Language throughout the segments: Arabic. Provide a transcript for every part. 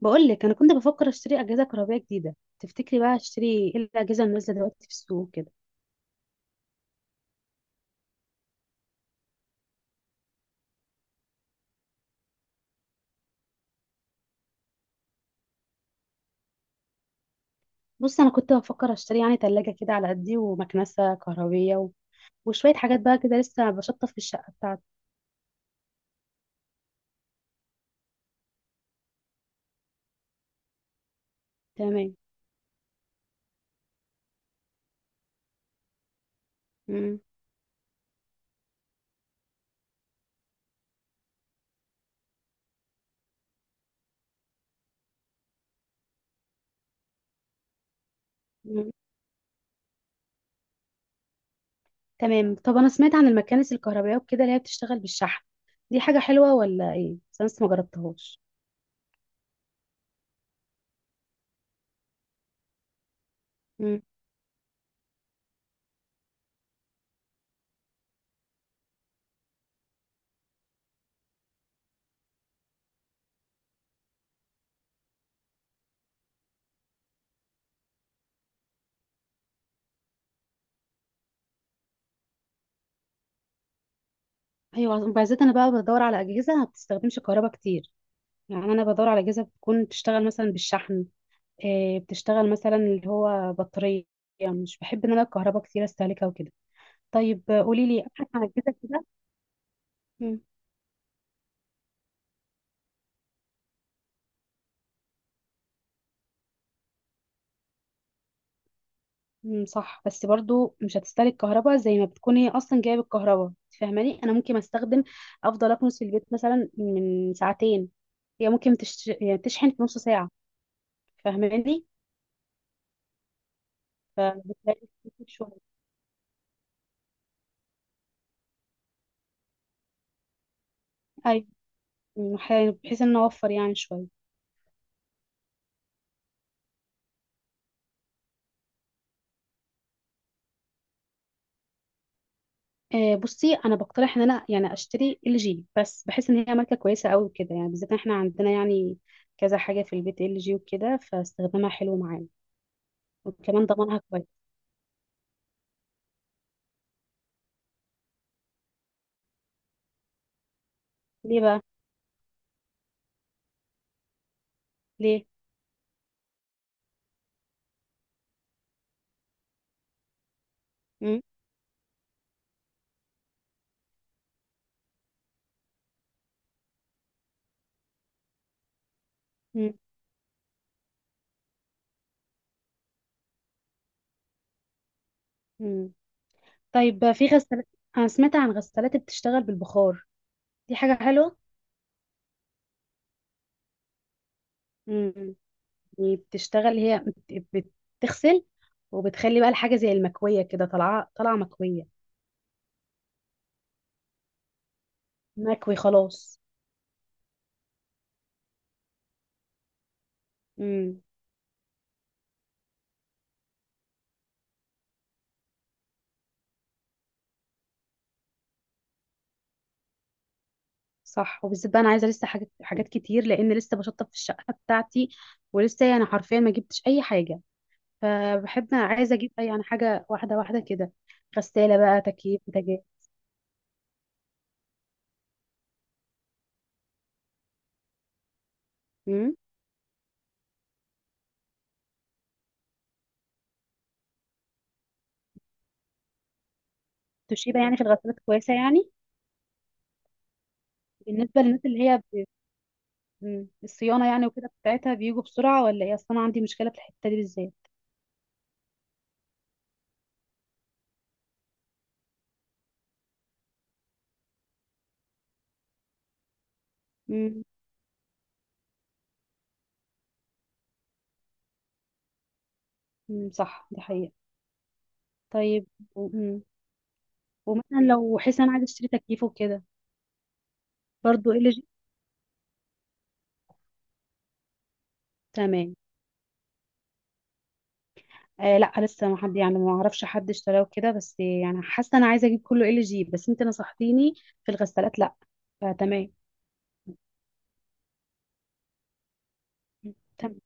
بقول لك انا كنت بفكر اشتري اجهزه كهربائيه جديده. تفتكري بقى اشتري ايه الاجهزه اللي نازله دلوقتي في السوق كده؟ بص، انا كنت بفكر اشتري يعني ثلاجه كده على قدي ومكنسه كهربيه وشويه حاجات بقى كده، لسه بشطف في الشقه بتاعتي. تمام. مم. مم. تمام، طب انا سمعت عن المكانس الكهربائيه وكده اللي هي بتشتغل بالشحن. دي حاجه حلوه ولا ايه؟ بس انا لسه ما جربتهاش. مم. ايوه، وبالذات انا بقى بدور على اجهزه ما بتستخدمش كهرباء كتير. يعني انا بدور على اجهزه بتكون بتشتغل مثلا بالشحن، بتشتغل مثلا اللي هو بطارية. مش بحب ان انا الكهرباء كتير استهلكها وكده. طيب قولي لي ابحث عن اجهزة كده. مم، مم، صح، بس برضو مش هتستهلك كهرباء زي ما بتكون هي اصلا جايه بالكهرباء. فاهماني؟ انا ممكن استخدم، افضل اكنس في البيت مثلا من ساعتين، هي ممكن يعني تشحن في نص ساعة. فاهماني؟ فبتلاقي كتير شوية. ايوه. مم، بحيث ان أنا اوفر يعني شوية. بصي، انا بقترح ان انا يعني اشتري ال جي، بس بحس ان هي ماركه كويسه قوي كده، يعني بالذات إن احنا عندنا يعني كذا حاجه في البيت ال جي وكده، فاستخدامها حلو معانا. وكمان ضمانها كويس. ليه بقى؟ ليه؟ مم؟ مم؟ مم. طيب في غسالات، انا سمعت عن غسالات بتشتغل بالبخار. دي حاجه حلوه. مم. يعني بتشتغل هي، بت- بتغسل، وبتخلي بقى الحاجه زي المكويه كده، طالعه طالعه مكويه. مكوي خلاص. مم. صح، وبالذات بقى انا عايزه لسه حاجات كتير، لان لسه بشطب في الشقه بتاعتي ولسه يعني حرفيا ما جبتش اي حاجه. فبحب انا عايزه اجيب اي يعني حاجه، واحده واحده كده. غساله بقى، تكييف، بوتاجاز. امم. توشيبا يعني في الغسالات كويسه يعني؟ بالنسبه للناس اللي هي مم. الصيانه يعني وكده بتاعتها، بيجوا بسرعه ولا ايه؟ اصلا عندي مشكله في الحته دي بالذات. امم. أمم، صح، دي حقيقه. طيب، و... أمم. ومثلا لو حسن، عايز اشتري تكييف وكده، برضو ال جي؟ تمام. آه لا، لسه ما حد، يعني ما اعرفش حد اشتراه كده، بس يعني حاسه انا عايزه اجيب كله ال جي، بس انت نصحتيني في الغسالات لا، فتمام. تمام.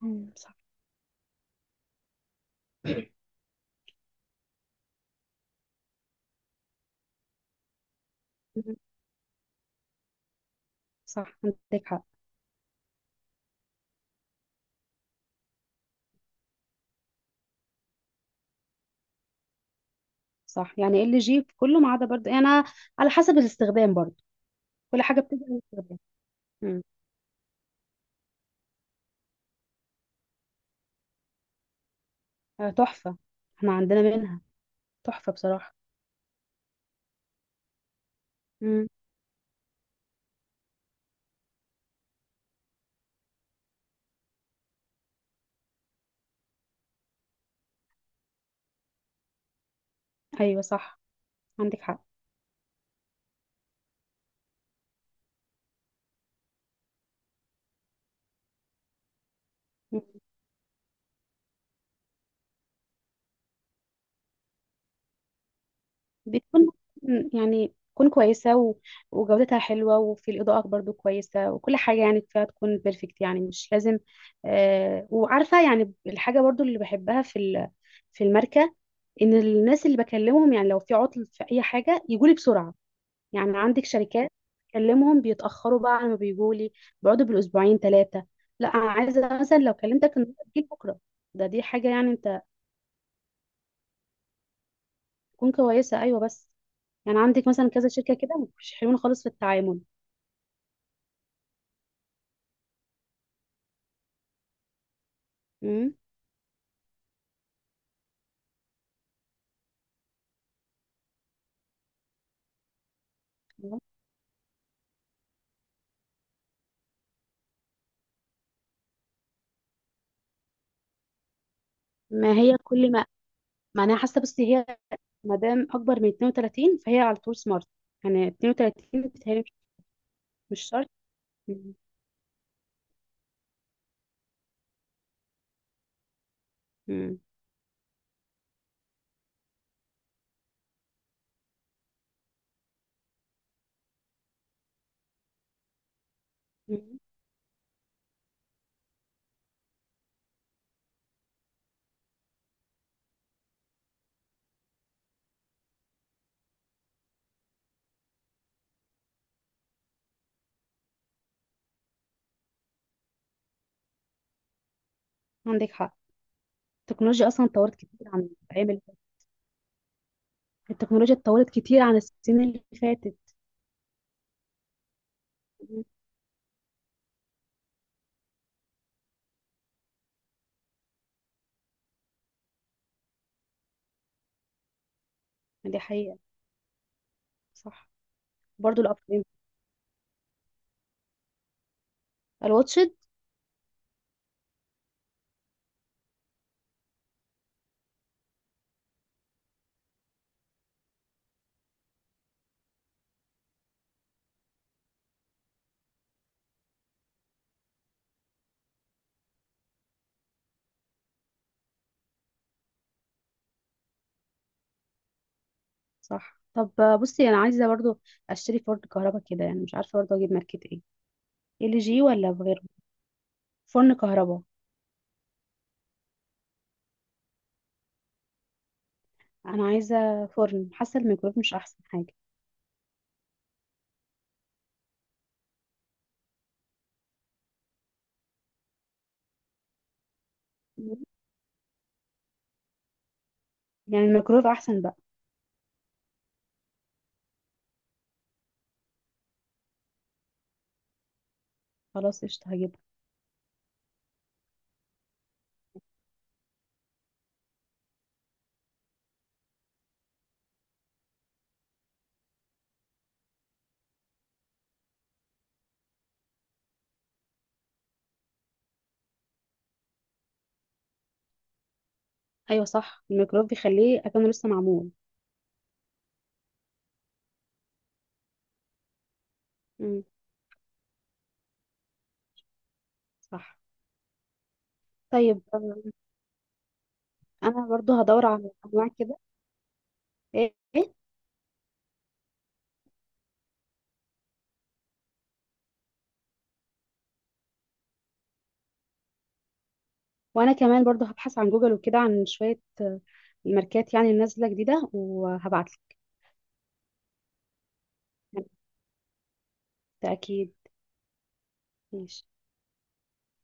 مم، صح. مم، صح، عندك حق. صح، يعني ال جي في كله ما عدا، برضه يعني أنا على حسب الاستخدام برضه. كل حاجه بتبقى الاستخدام. مم. آه تحفه، احنا عندنا منها. تحفه بصراحه. مم. ايوه صح، عندك حق. بتكون، يعني تكون كويسة وجودتها حلوة، وفي الإضاءة برضو كويسة، وكل حاجة يعني فيها تكون بيرفكت، يعني مش لازم. آه، وعارفة يعني الحاجة برضو اللي بحبها في في الماركة، إن الناس اللي بكلمهم، يعني لو في عطل في أي حاجة يجولي بسرعة. يعني عندك شركات بكلمهم بيتأخروا بقى على ما بيجولي، بيقعدوا بالأسبوعين ثلاثة. لا، أنا عايزة مثلا لو كلمتك النهاردة تجيلي بكرة. ده دي حاجة يعني أنت. تكون كويسه، ايوه. بس يعني عندك مثلا كذا شركه كده مش حلوين خالص في التعامل. امم. ما هي كل ما، ما انا حاسه بس هي ما دام اكبر من 32 فهي على طول سمارت. يعني 32 بتهيألي مش، مش شرط. امم. مم. مم. عندك حق. التكنولوجيا اصلا اتطورت كتير عن العامل. التكنولوجيا اتطورت كتير عن السنين اللي فاتت. مم. دي حقيقه. صح. برضو الابلين، الواتشد. صح. طب بصي، انا عايزه برضو اشتري فرن كهرباء كده، يعني مش عارفه برضو اجيب ماركه ايه. ال جي ولا بغيره؟ فرن كهرباء. انا عايزه فرن، حاسه الميكرويف مش احسن حاجه. يعني الميكرويف احسن بقى؟ خلاص قشطه هجيبها. ايوه صح، الميكرويف بيخليه اكنه لسه معمول. امم. صح. طيب انا برضو هدور على انواع كده. ايه إيه؟ وانا كمان برضو هبحث عن جوجل وكده عن شويه الماركات يعني نازله جديده، وهبعتلك. بالتاكيد. ماشي.